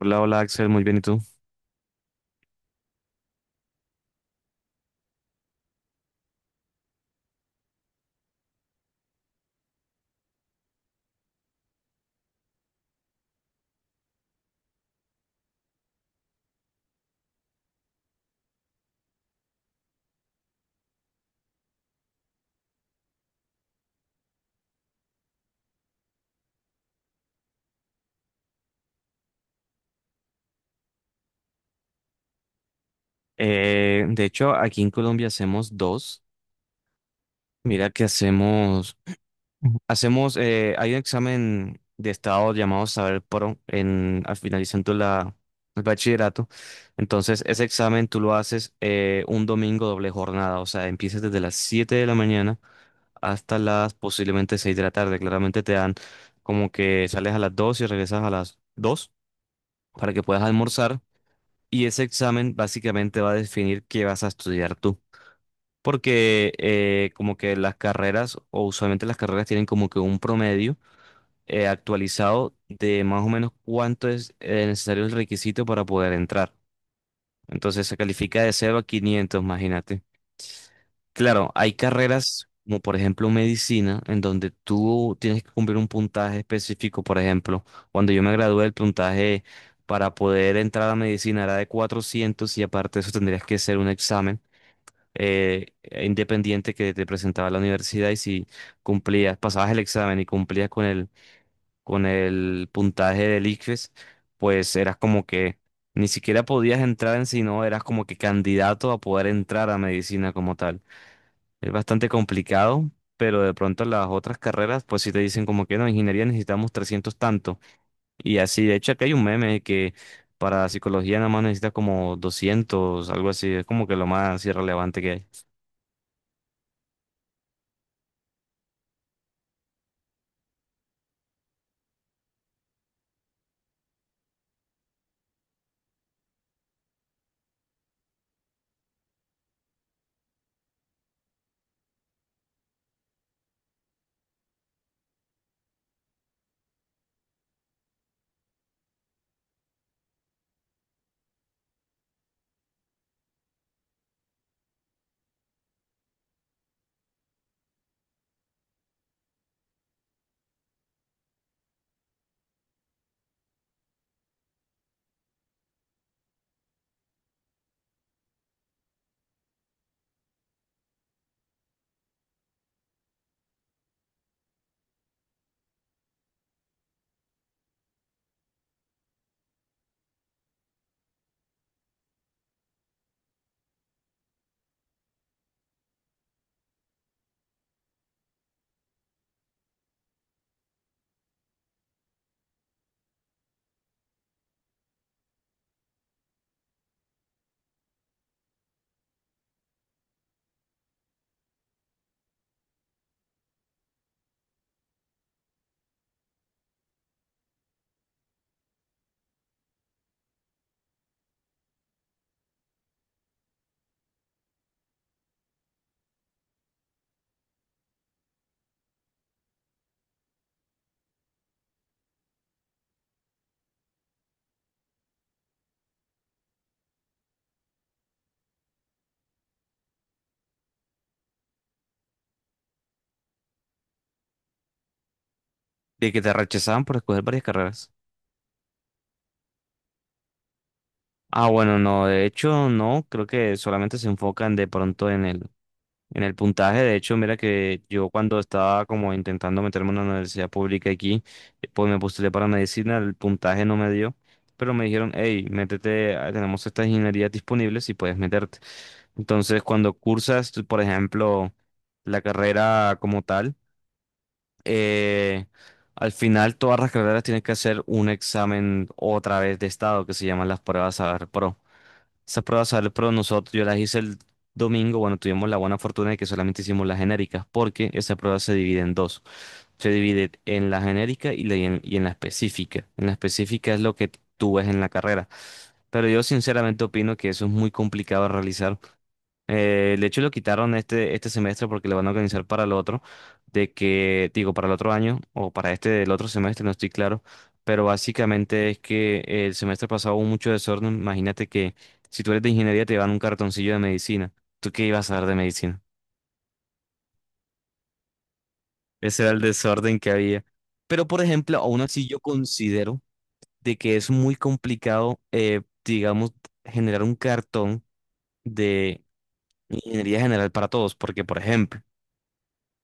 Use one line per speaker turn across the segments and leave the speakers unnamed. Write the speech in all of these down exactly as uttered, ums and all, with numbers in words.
Hola, hola Axel, muy bien, ¿y tú? Eh, de hecho, aquí en Colombia hacemos dos. Mira que hacemos, Ujú. Hacemos, eh, hay un examen de estado llamado Saber Pro en, al finalizando la, el bachillerato. Entonces, ese examen tú lo haces eh, un domingo doble jornada, o sea, empiezas desde las siete de la mañana hasta las posiblemente seis de la tarde. Claramente te dan como que sales a las dos y regresas a las dos para que puedas almorzar. Y ese examen básicamente va a definir qué vas a estudiar tú. Porque eh, como que las carreras, o usualmente las carreras tienen como que un promedio eh, actualizado de más o menos cuánto es eh, necesario el requisito para poder entrar. Entonces se califica de cero a quinientos, imagínate. Claro, hay carreras como por ejemplo medicina, en donde tú tienes que cumplir un puntaje específico. Por ejemplo, cuando yo me gradué, el puntaje para poder entrar a medicina era de cuatrocientos y aparte de eso tendrías que hacer un examen eh, e independiente que te presentaba la universidad y si cumplías, pasabas el examen y cumplías con el, con el puntaje del ICFES, pues eras como que ni siquiera podías entrar en sí, no, eras como que candidato a poder entrar a medicina como tal. Es bastante complicado, pero de pronto las otras carreras, pues si te dicen como que no, en ingeniería necesitamos trescientos tanto. Y así, de hecho, aquí hay un meme que para psicología nada más necesitas como doscientos algo así. Es como que lo más irrelevante que hay. De que te rechazaban por escoger varias carreras. Ah, bueno, no, de hecho, no, creo que solamente se enfocan de pronto en el En el puntaje. De hecho, mira que yo cuando estaba como intentando meterme en una universidad pública aquí, eh, pues me postulé para medicina, el puntaje no me dio, pero me dijeron, hey, métete, ah, tenemos estas ingenierías disponibles y puedes meterte. Entonces, cuando cursas, tú, por ejemplo, la carrera como tal, eh, al final todas las carreras tienen que hacer un examen otra vez de estado que se llaman las pruebas Saber Pro. Esas pruebas salen, pero nosotros, yo las hice el domingo, bueno, tuvimos la buena fortuna de que solamente hicimos las genéricas, porque esa prueba se divide en dos. Se divide en la genérica y, la- y en, y en la específica. En la específica es lo que tú ves en la carrera. Pero yo sinceramente opino que eso es muy complicado de realizar. Eh, de hecho, lo quitaron este, este semestre porque lo van a organizar para el otro, de que, digo, para el otro año o para este del otro semestre, no estoy claro, pero básicamente es que el semestre pasado hubo mucho desorden. Imagínate que si tú eres de ingeniería te dan un cartoncillo de medicina. ¿Tú qué ibas a dar de medicina? Ese era el desorden que había. Pero, por ejemplo, aún así yo considero de que es muy complicado, eh, digamos, generar un cartón de ingeniería general para todos, porque, por ejemplo,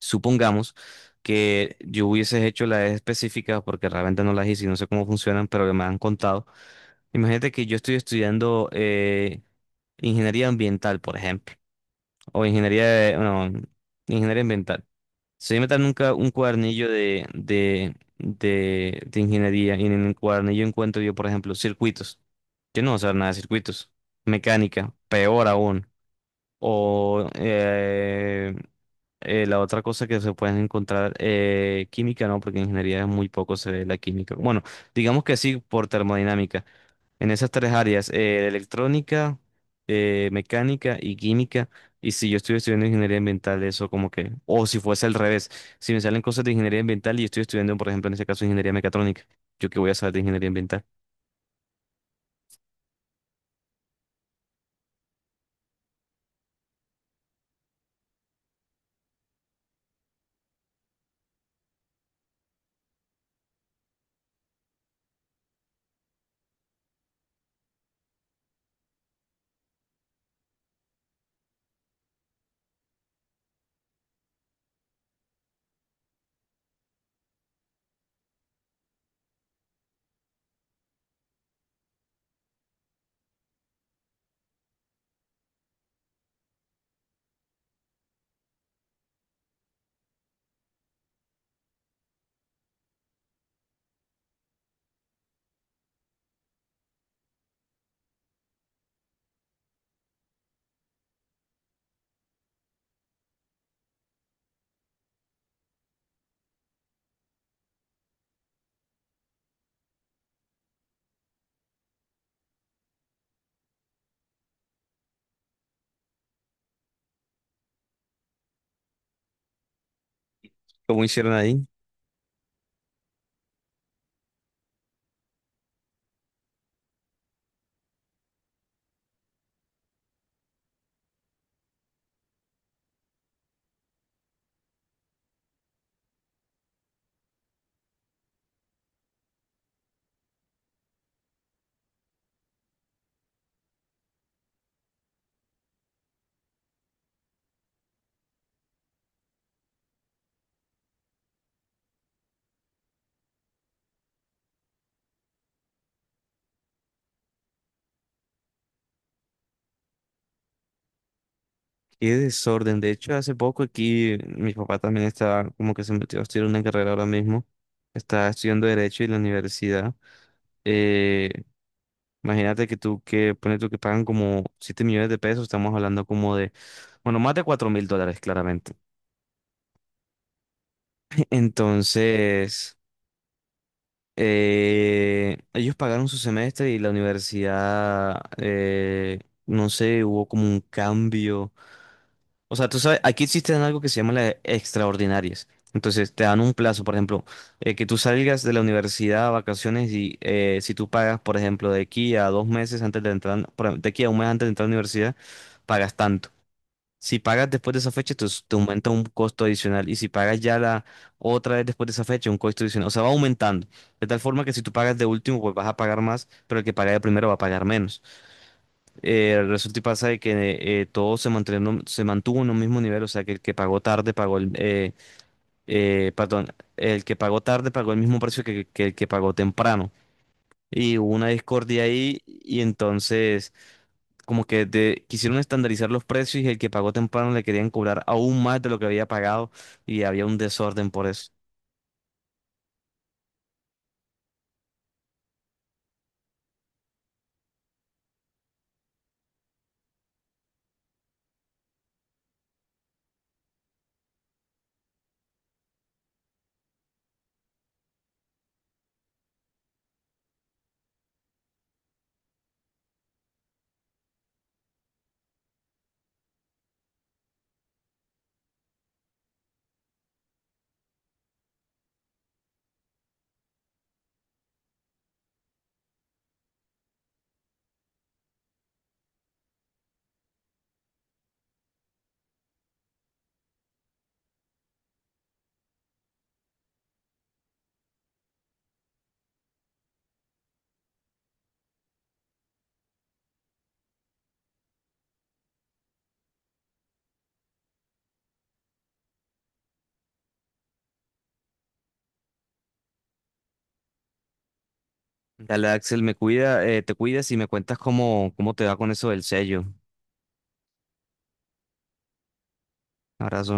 supongamos que yo hubieses hecho las específicas porque realmente no las hice y no sé cómo funcionan, pero me han contado. Imagínate que yo estoy estudiando eh, ingeniería ambiental, por ejemplo, o ingeniería de, no, ingeniería ambiental. Si yo me dan nunca un cuadernillo de, de, de, de ingeniería y en el cuadernillo encuentro yo, por ejemplo, circuitos. Yo no voy a saber nada de circuitos. Mecánica, peor aún. O eh, eh, la otra cosa que se pueden encontrar, eh, química, ¿no? Porque en ingeniería es muy poco se ve la química. Bueno, digamos que sí por termodinámica. En esas tres áreas, eh, electrónica, eh, mecánica y química. Y si yo estoy estudiando ingeniería ambiental, eso como que, o si fuese al revés, si me salen cosas de ingeniería ambiental y estoy estudiando, por ejemplo, en ese caso, ingeniería mecatrónica, ¿yo qué voy a saber de ingeniería ambiental? ¿Cómo hicieron ahí? Qué desorden. De hecho, hace poco aquí mi papá también está como que se metió a estudiar una carrera ahora mismo. Está estudiando Derecho en la universidad. Eh, imagínate que tú que pones tú que pagan como siete millones de pesos, estamos hablando como de, bueno, más de cuatro mil dólares, claramente. Entonces, eh, ellos pagaron su semestre y la universidad, eh, no sé, hubo como un cambio. O sea, tú sabes, aquí existen algo que se llama las extraordinarias. Entonces, te dan un plazo, por ejemplo, eh, que tú salgas de la universidad a vacaciones y eh, si tú pagas, por ejemplo, de aquí a dos meses antes de entrar, por- de aquí a un mes antes de entrar a la universidad, pagas tanto. Si pagas después de esa fecha, te, te aumenta un costo adicional. Y si pagas ya la otra vez después de esa fecha, un costo adicional. O sea, va aumentando. De tal forma que si tú pagas de último, pues vas a pagar más, pero el que paga de primero va a pagar menos. Eh, resulta y pasa de que eh, todo se mantuvieron- se mantuvo en un mismo nivel, o sea que el que pagó tarde pagó el, eh, eh, perdón, el que pagó tarde pagó el mismo precio que, que el que pagó temprano. Y hubo una discordia ahí y entonces como que de- quisieron estandarizar los precios y el que pagó temprano le querían cobrar aún más de lo que había pagado y había un desorden por eso. Dale, Axel, me cuida, eh, te cuidas y me cuentas cómo, cómo te va con eso del sello. Abrazo.